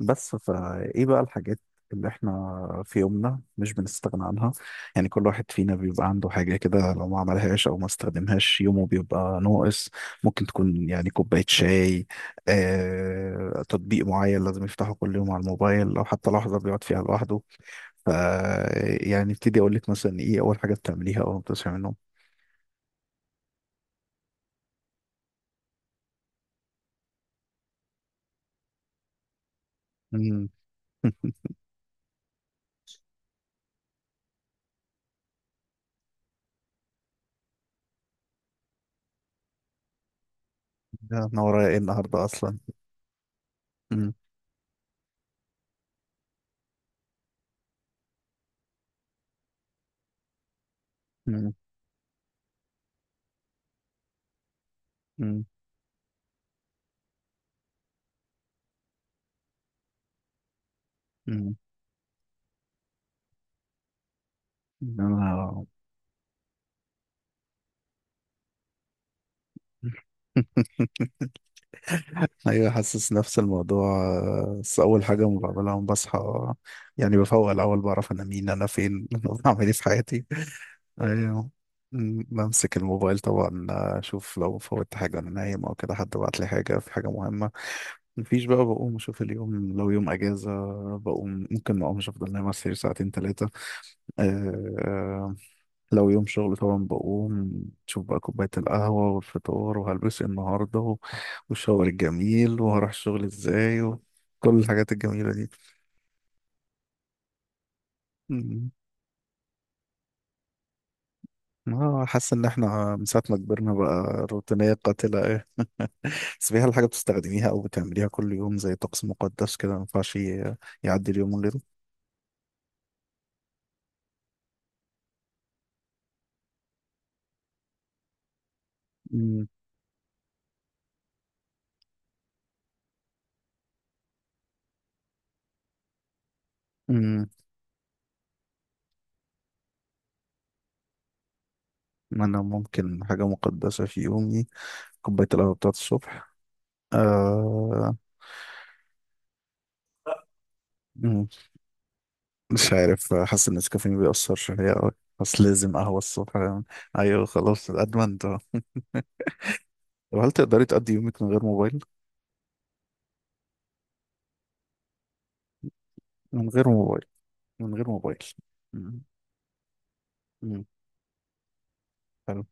بس فايه بقى الحاجات اللي احنا في يومنا مش بنستغنى عنها. يعني كل واحد فينا بيبقى عنده حاجة كده، لو ما عملهاش او ما استخدمهاش يومه بيبقى ناقص. ممكن تكون يعني كوباية شاي، تطبيق معين لازم يفتحه كل يوم على الموبايل او حتى لحظة بيقعد فيها لوحده. ف يعني ابتدي اقول لك مثلا ايه اول حاجة بتعمليها اول ما بتصحي من النوم؟ مم. ده انا ورايا ايه النهارده اصلا؟ مم. مم. مم. مم. انا ايوه، حاسس نفس الموضوع. بس اول حاجه ما بعملها لما بصحى، يعني بفوق الاول بعرف انا مين انا فين انا بعمل ايه في حياتي. ايوه. بمسك الموبايل طبعا، اشوف لو فوتت حاجه انا نايم او كده، حد بعت لي حاجه في حاجه مهمه. مفيش بقى. بقوم اشوف اليوم لو يوم اجازه، بقوم ممكن ما اقومش، افضل نايم على السرير ساعتين ثلاثه. لو يوم شغل طبعا بقوم شوف بقى كوباية القهوة والفطار وهلبس إيه النهاردة والشاور الجميل وهروح الشغل ازاي وكل الحاجات الجميلة دي. مم. اه حاسس ان احنا من ساعة ما كبرنا بقى روتينية قاتلة ايه. بس فيها الحاجة بتستخدميها او بتعمليها كل يوم زي طقس مقدس كده، ما ينفعش يعدي اليوم من غيره. مم. مم. انا ممكن حاجة مقدسة في يومي، كوباية القهوة بتاعت الصبح. آه. مش عارف، حاسس ان النسكافيه بيأثر شوية أوي، بس لازم قهوة الصبح. أيوة خلاص أدمنت أهو. طب هل تقدري تقضي يومك من غير موبايل؟ من غير موبايل. من غير موبايل. مم. مم. حلو.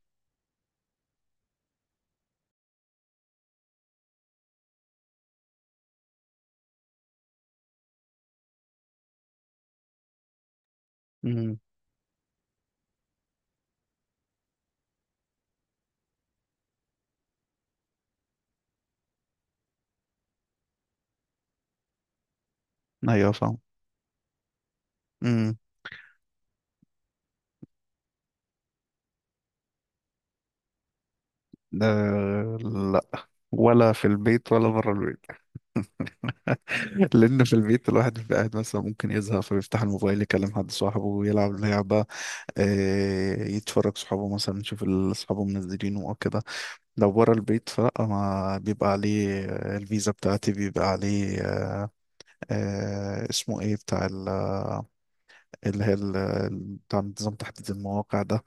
مم. أيوة فاهم. مم. ده لأ، ولا في البيت ولا بره البيت. لأن في البيت الواحد بيبقى قاعد مثلا ممكن يزهق، فبيفتح الموبايل يكلم حد صاحبه ويلعب لعبة، يتفرج صحابه مثلا يشوف صحابه منزلينه او كده. لو بره البيت فلا، ما بيبقى عليه الفيزا بتاعتي، بيبقى عليه اسمه ايه بتاع، اللي هي بتاع نظام تحديد المواقع ده،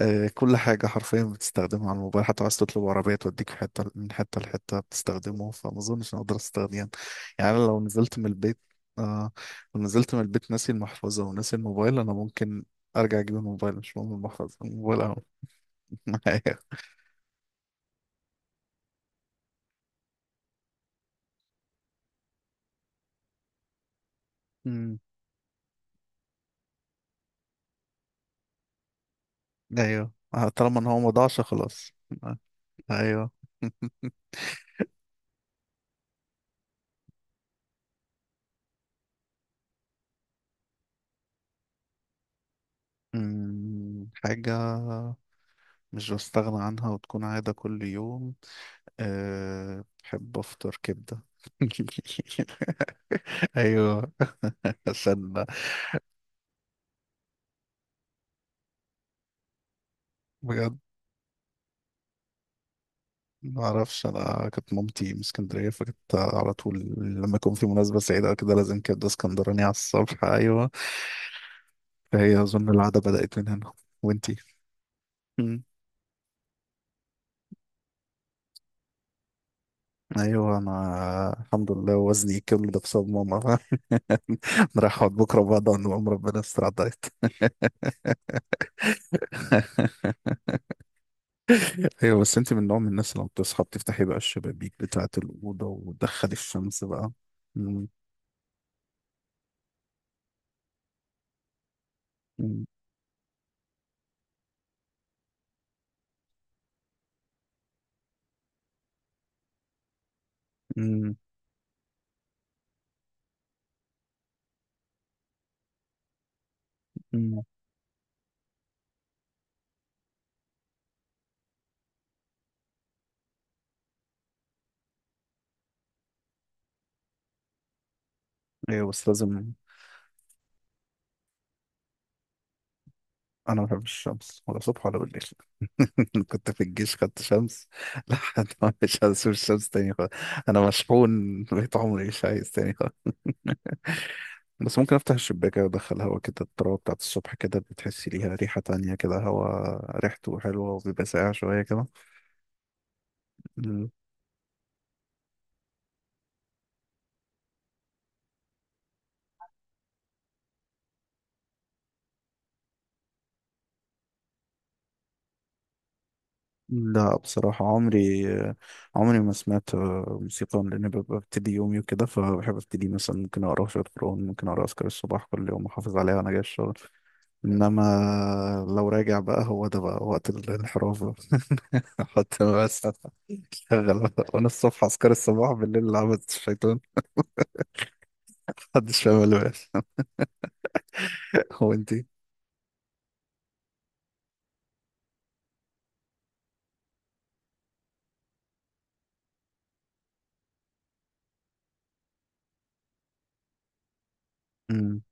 كل حاجة حرفيا بتستخدمها على الموبايل. حتى عايز تطلب عربية توديك في حتة من حتة لحتة بتستخدمه، فما أظنش إن أقدر أستخدمه يعني. أنا لو نزلت من البيت، آه لو نزلت من البيت ناسي المحفظة وناسي الموبايل، أنا ممكن أرجع أجيب الموبايل. مش مهم المحفظة، الموبايل أهو معايا. أمم، أيوه طالما إن هو مضاعش خلاص. آه، أيوه. حاجة مش بستغنى عنها وتكون عادة كل يوم، أه بحب أفطر كبدة. أيوه، عشان بجد ما أعرفش، أنا كانت مامتي من اسكندرية، فكنت على طول لما يكون في مناسبة سعيدة أو كده لازم كبدة اسكندراني على الصبح. أيوه. فهي أظن العادة بدأت من هنا. وأنتي؟ مم. أيوه، أنا الحمد لله وزني كل ده بسبب ماما. أنا رايح أقعد بكرة بعد عن الأم، ربنا يستر على الدايت. أيوه. بس أنتي من نوع من الناس اللي لما بتصحى بتفتحي بقى الشبابيك بتاعة الأوضة وتدخلي الشمس بقى؟ مم. امم. امم. ايوه بس لازم. انا ما بحبش الشمس، ولا صبح ولا بالليل. كنت في الجيش خدت شمس لحد ما مش هشوف الشمس تاني خالص. انا مشحون بقيت، عمري مش عايز تاني خالص. بس ممكن افتح الشباكة وادخل هوا كده، التراب بتاعت الصبح كده بتحسي ليها ريحة تانية كده، هوا ريحته حلوة وبيبقى ساقع شوية كده. لا بصراحة، عمري ما سمعت موسيقى، لأن ببقى ببتدي يومي وكده، فبحب أبتدي مثلا ممكن أقرأ شوية قرآن، ممكن أقرأ أذكار الصباح كل يوم أحافظ عليها وأنا جاي الشغل. إنما لو راجع بقى، هو ده بقى وقت الانحراف بقى. أحط بس. أشغل بقى. وأنا الصبح أذكار الصباح، بالليل لعبة الشيطان. محدش فاهم اللي هو. أنتي؟ مم.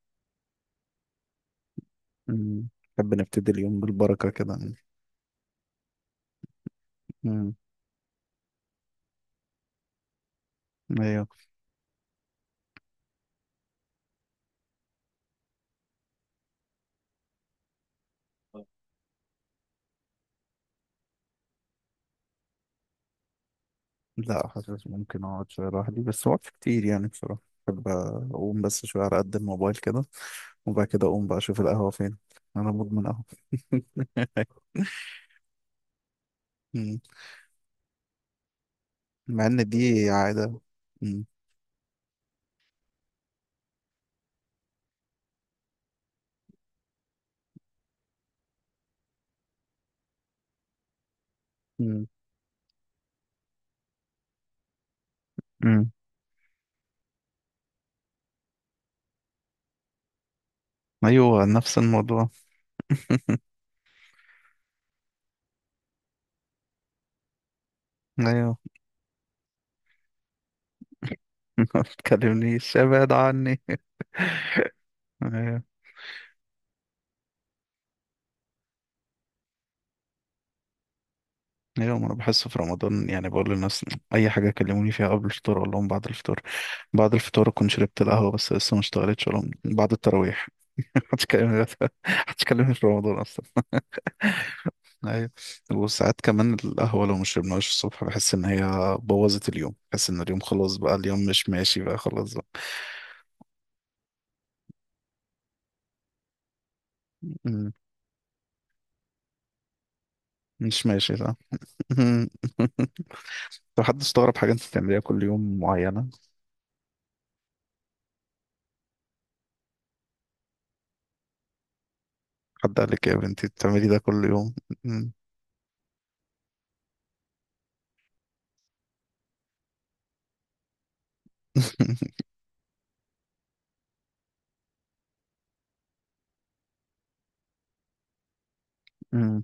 مم. نحب نبتدي اليوم بالبركة كده. مم. أيوة. لا حاسس ممكن اقعد شويه لوحدي، بس وقت كتير يعني بصراحه بحب اقوم بس شويه على قد الموبايل كده، وبعد كده اقوم بقى اشوف القهوه فين. انا مدمن قهوه. مم. مع ان دي عاده. مم. مم. مم. ايوه نفس الموضوع. ايوه ما تكلمنيش ابعد عني. ايوه. ايوه ما انا بحس في رمضان يعني بقول للناس اي حاجه كلموني فيها قبل الفطور اقول لهم بعد الفطور. بعد الفطار أكون شربت القهوة بس لسه ما اشتغلتش، ولا بعد التراويح. محدش كلمني. محدش كلمني في رمضان أصلا. أيوة. وساعات كمان القهوة لو ما شربناهاش الصبح بحس إن هي بوظت اليوم، بحس إن اليوم خلاص بقى، اليوم مش ماشي بقى خلاص بقى. أمم، مش ماشي، صح. لو حد استغرب حاجة أنت بتعمليها كل يوم معينة، حد قال لك يا بنتي بتعملي ده كل يوم؟ أمم. أمم.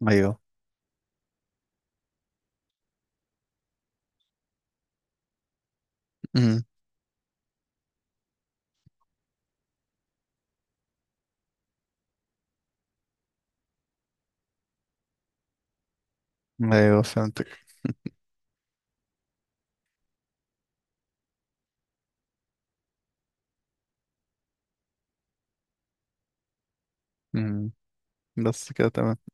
أيوه. أمم. أيوه فهمتك. أمم. بس كده تمام.